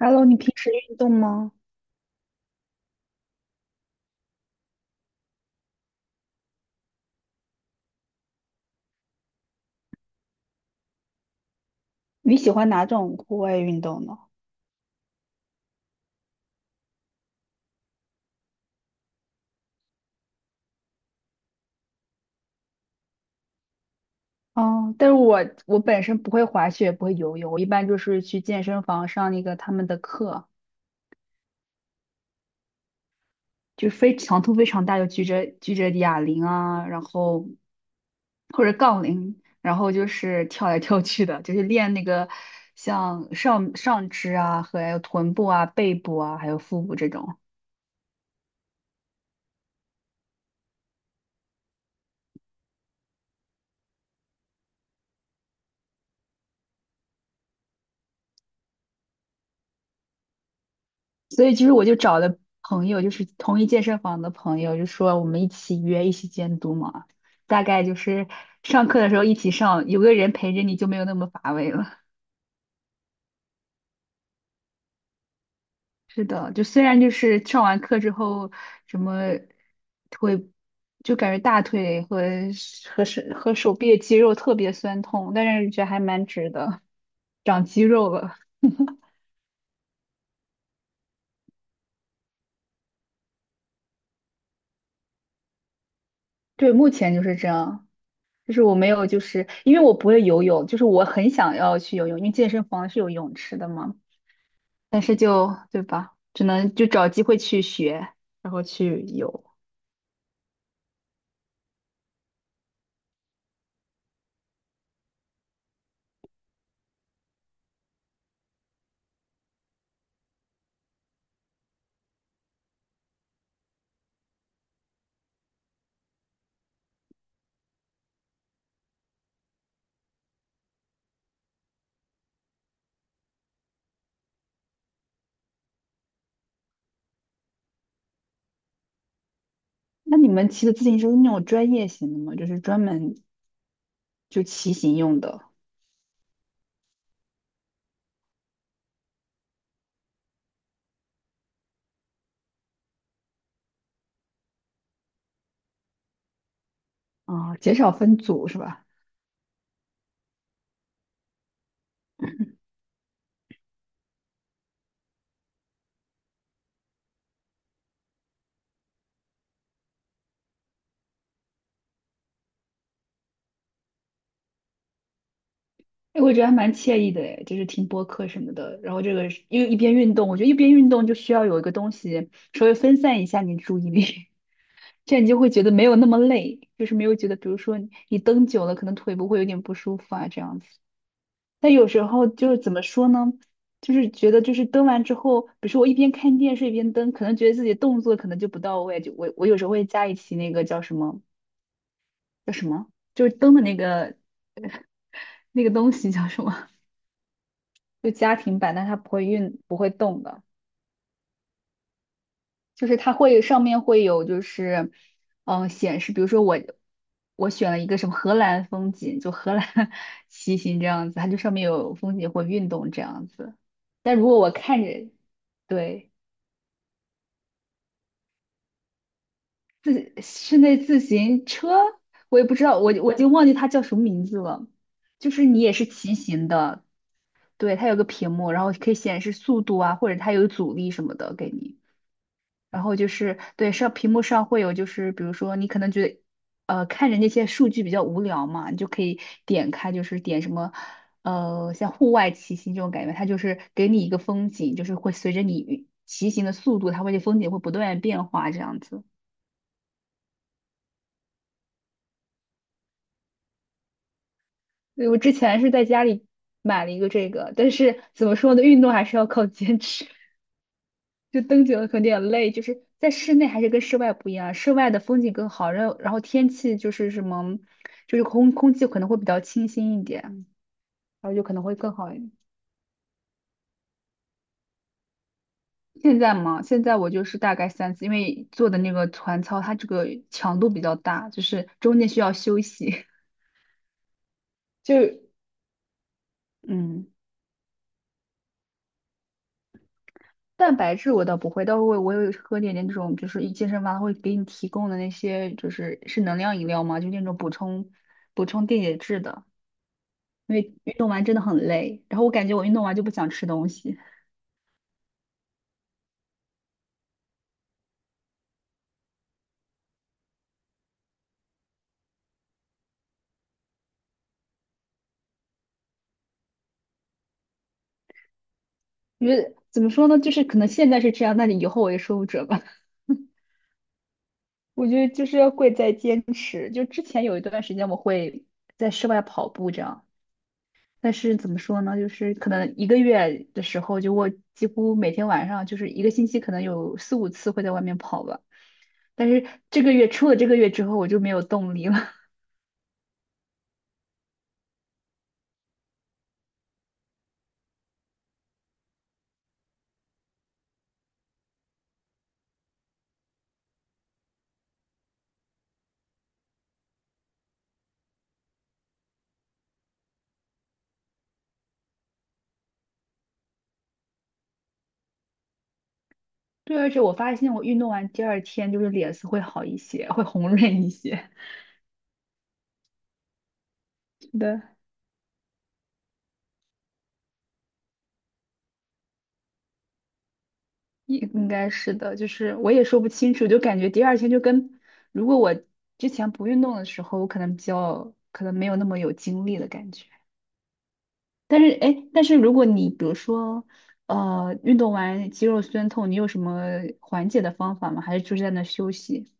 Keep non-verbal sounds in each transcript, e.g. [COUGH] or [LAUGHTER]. Hello，你平时运动吗？你喜欢哪种户外运动呢？哦，但是我本身不会滑雪，不会游泳，我一般就是去健身房上那个他们的课，就非强度非常大，就举着哑铃啊，然后或者杠铃，然后就是跳来跳去的，就是练那个像上肢啊和还有臀部啊、背部啊还有腹部这种。所以就是我就找的朋友，就是同一健身房的朋友，就说我们一起约，一起监督嘛。大概就是上课的时候一起上，有个人陪着你就没有那么乏味了。[LAUGHS] 是的，就虽然就是上完课之后，什么会就感觉大腿和手和臂的肌肉特别酸痛，但是觉得还蛮值的，长肌肉了。对，目前就是这样。就是我没有，就是因为我不会游泳，就是我很想要去游泳，因为健身房是有泳池的嘛，但是就，对吧，只能就找机会去学，然后去游。那你们骑的自行车是那种专业型的吗？就是专门就骑行用的啊，减少分组是吧？哎，我觉得还蛮惬意的诶，就是听播客什么的，然后这个是又一边运动，我觉得一边运动就需要有一个东西稍微分散一下你的注意力。这样你就会觉得没有那么累，就是没有觉得，比如说你蹬久了，可能腿部会有点不舒服啊，这样子。但有时候就是怎么说呢，就是觉得就是蹬完之后，比如说我一边看电视一边蹬，可能觉得自己动作可能就不到位，就我有时候会加一期那个叫什么叫什么，就是蹬的那个那个东西叫什么，[LAUGHS] 就家庭版，但它不会运不会动的。就是它会上面会有就是，显示，比如说我选了一个什么荷兰风景，就荷兰 [LAUGHS] 骑行这样子，它就上面有风景或运动这样子。但如果我看着，对，自室内自行车，我也不知道，我已经忘记它叫什么名字了。就是你也是骑行的，对，它有个屏幕，然后可以显示速度啊，或者它有阻力什么的给你。然后就是对上屏幕上会有，就是比如说你可能觉得，看着那些数据比较无聊嘛，你就可以点开，就是点什么，像户外骑行这种感觉，它就是给你一个风景，就是会随着你骑行的速度，它会这风景会不断地变化这样子。对，我之前是在家里买了一个这个，但是怎么说呢，运动还是要靠坚持。就登顶可能有点累，就是在室内还是跟室外不一样，室外的风景更好，然后天气就是什么，就是空气可能会比较清新一点，然后就可能会更好一点。现在嘛，现在我就是大概三次，因为做的那个团操，它这个强度比较大，就是中间需要休息，[LAUGHS] 就嗯，蛋白质我倒不会，但我有喝点这种，就是一健身房会给你提供的那些，就是是能量饮料嘛，就那种补充电解质的。因为运动完真的很累，然后我感觉我运动完就不想吃东西，因为怎么说呢，就是可能现在是这样，那你以后我也说不准吧。[LAUGHS] 我觉得就是要贵在坚持，就之前有一段时间我会在室外跑步这样，但是怎么说呢，就是可能一个月的时候，就我几乎每天晚上就是一个星期可能有四五次会在外面跑吧。但是这个月出了这个月之后，我就没有动力了。[LAUGHS] 对，而且我发现我运动完第二天就是脸色会好一些，会红润一些。[LAUGHS] 是的。应该是的，就是我也说不清楚，就感觉第二天就跟如果我之前不运动的时候，我可能比较可能没有那么有精力的感觉。但是哎，诶但是如果你比如说运动完肌肉酸痛，你有什么缓解的方法吗？还是就是在那休息？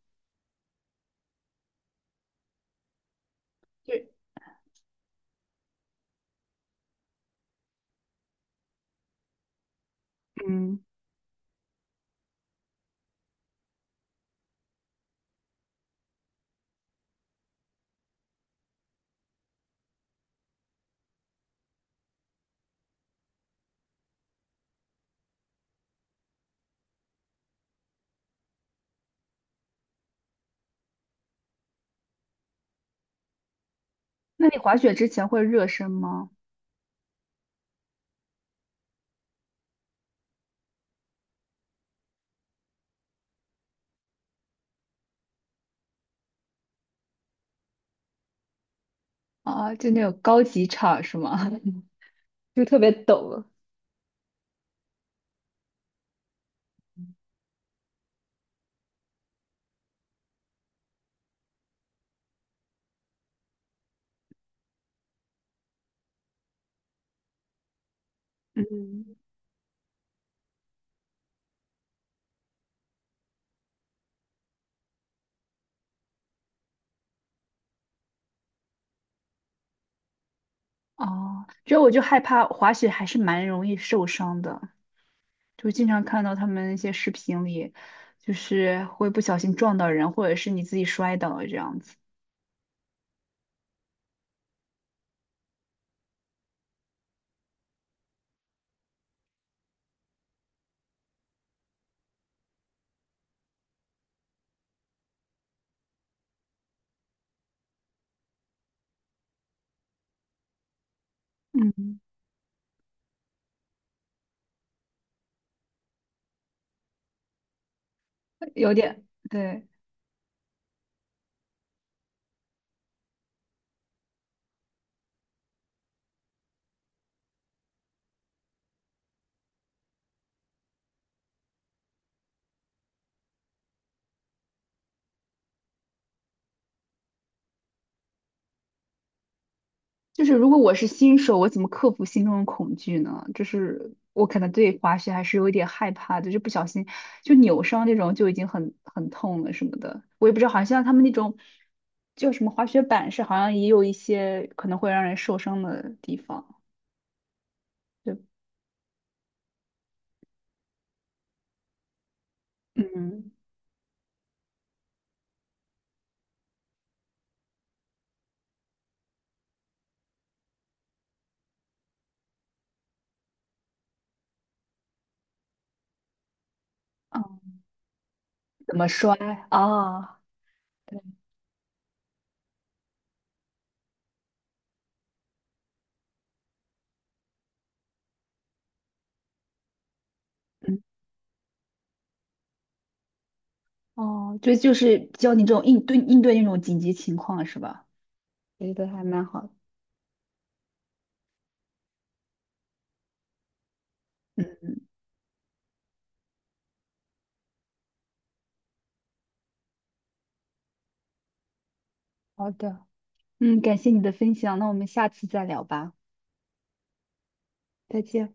对，嗯，那你滑雪之前会热身吗？啊，就那种高级场是吗？[LAUGHS] 就特别陡了嗯，哦，主要我就害怕滑雪还是蛮容易受伤的。就经常看到他们一些视频里，就是会不小心撞到人，或者是你自己摔倒了这样子。嗯，有点，对，就是如果我是新手，我怎么克服心中的恐惧呢？就是我可能对滑雪还是有一点害怕的，就不小心就扭伤那种就已经很痛了什么的。我也不知道，好像他们那种叫什么滑雪板是好像也有一些可能会让人受伤的地方。对，嗯，啊，怎么摔啊？对嗯。哦，对，就是教你这种应对那种紧急情况是吧？我觉得还蛮好的。嗯，好的，嗯，感谢你的分享，那我们下次再聊吧，再见。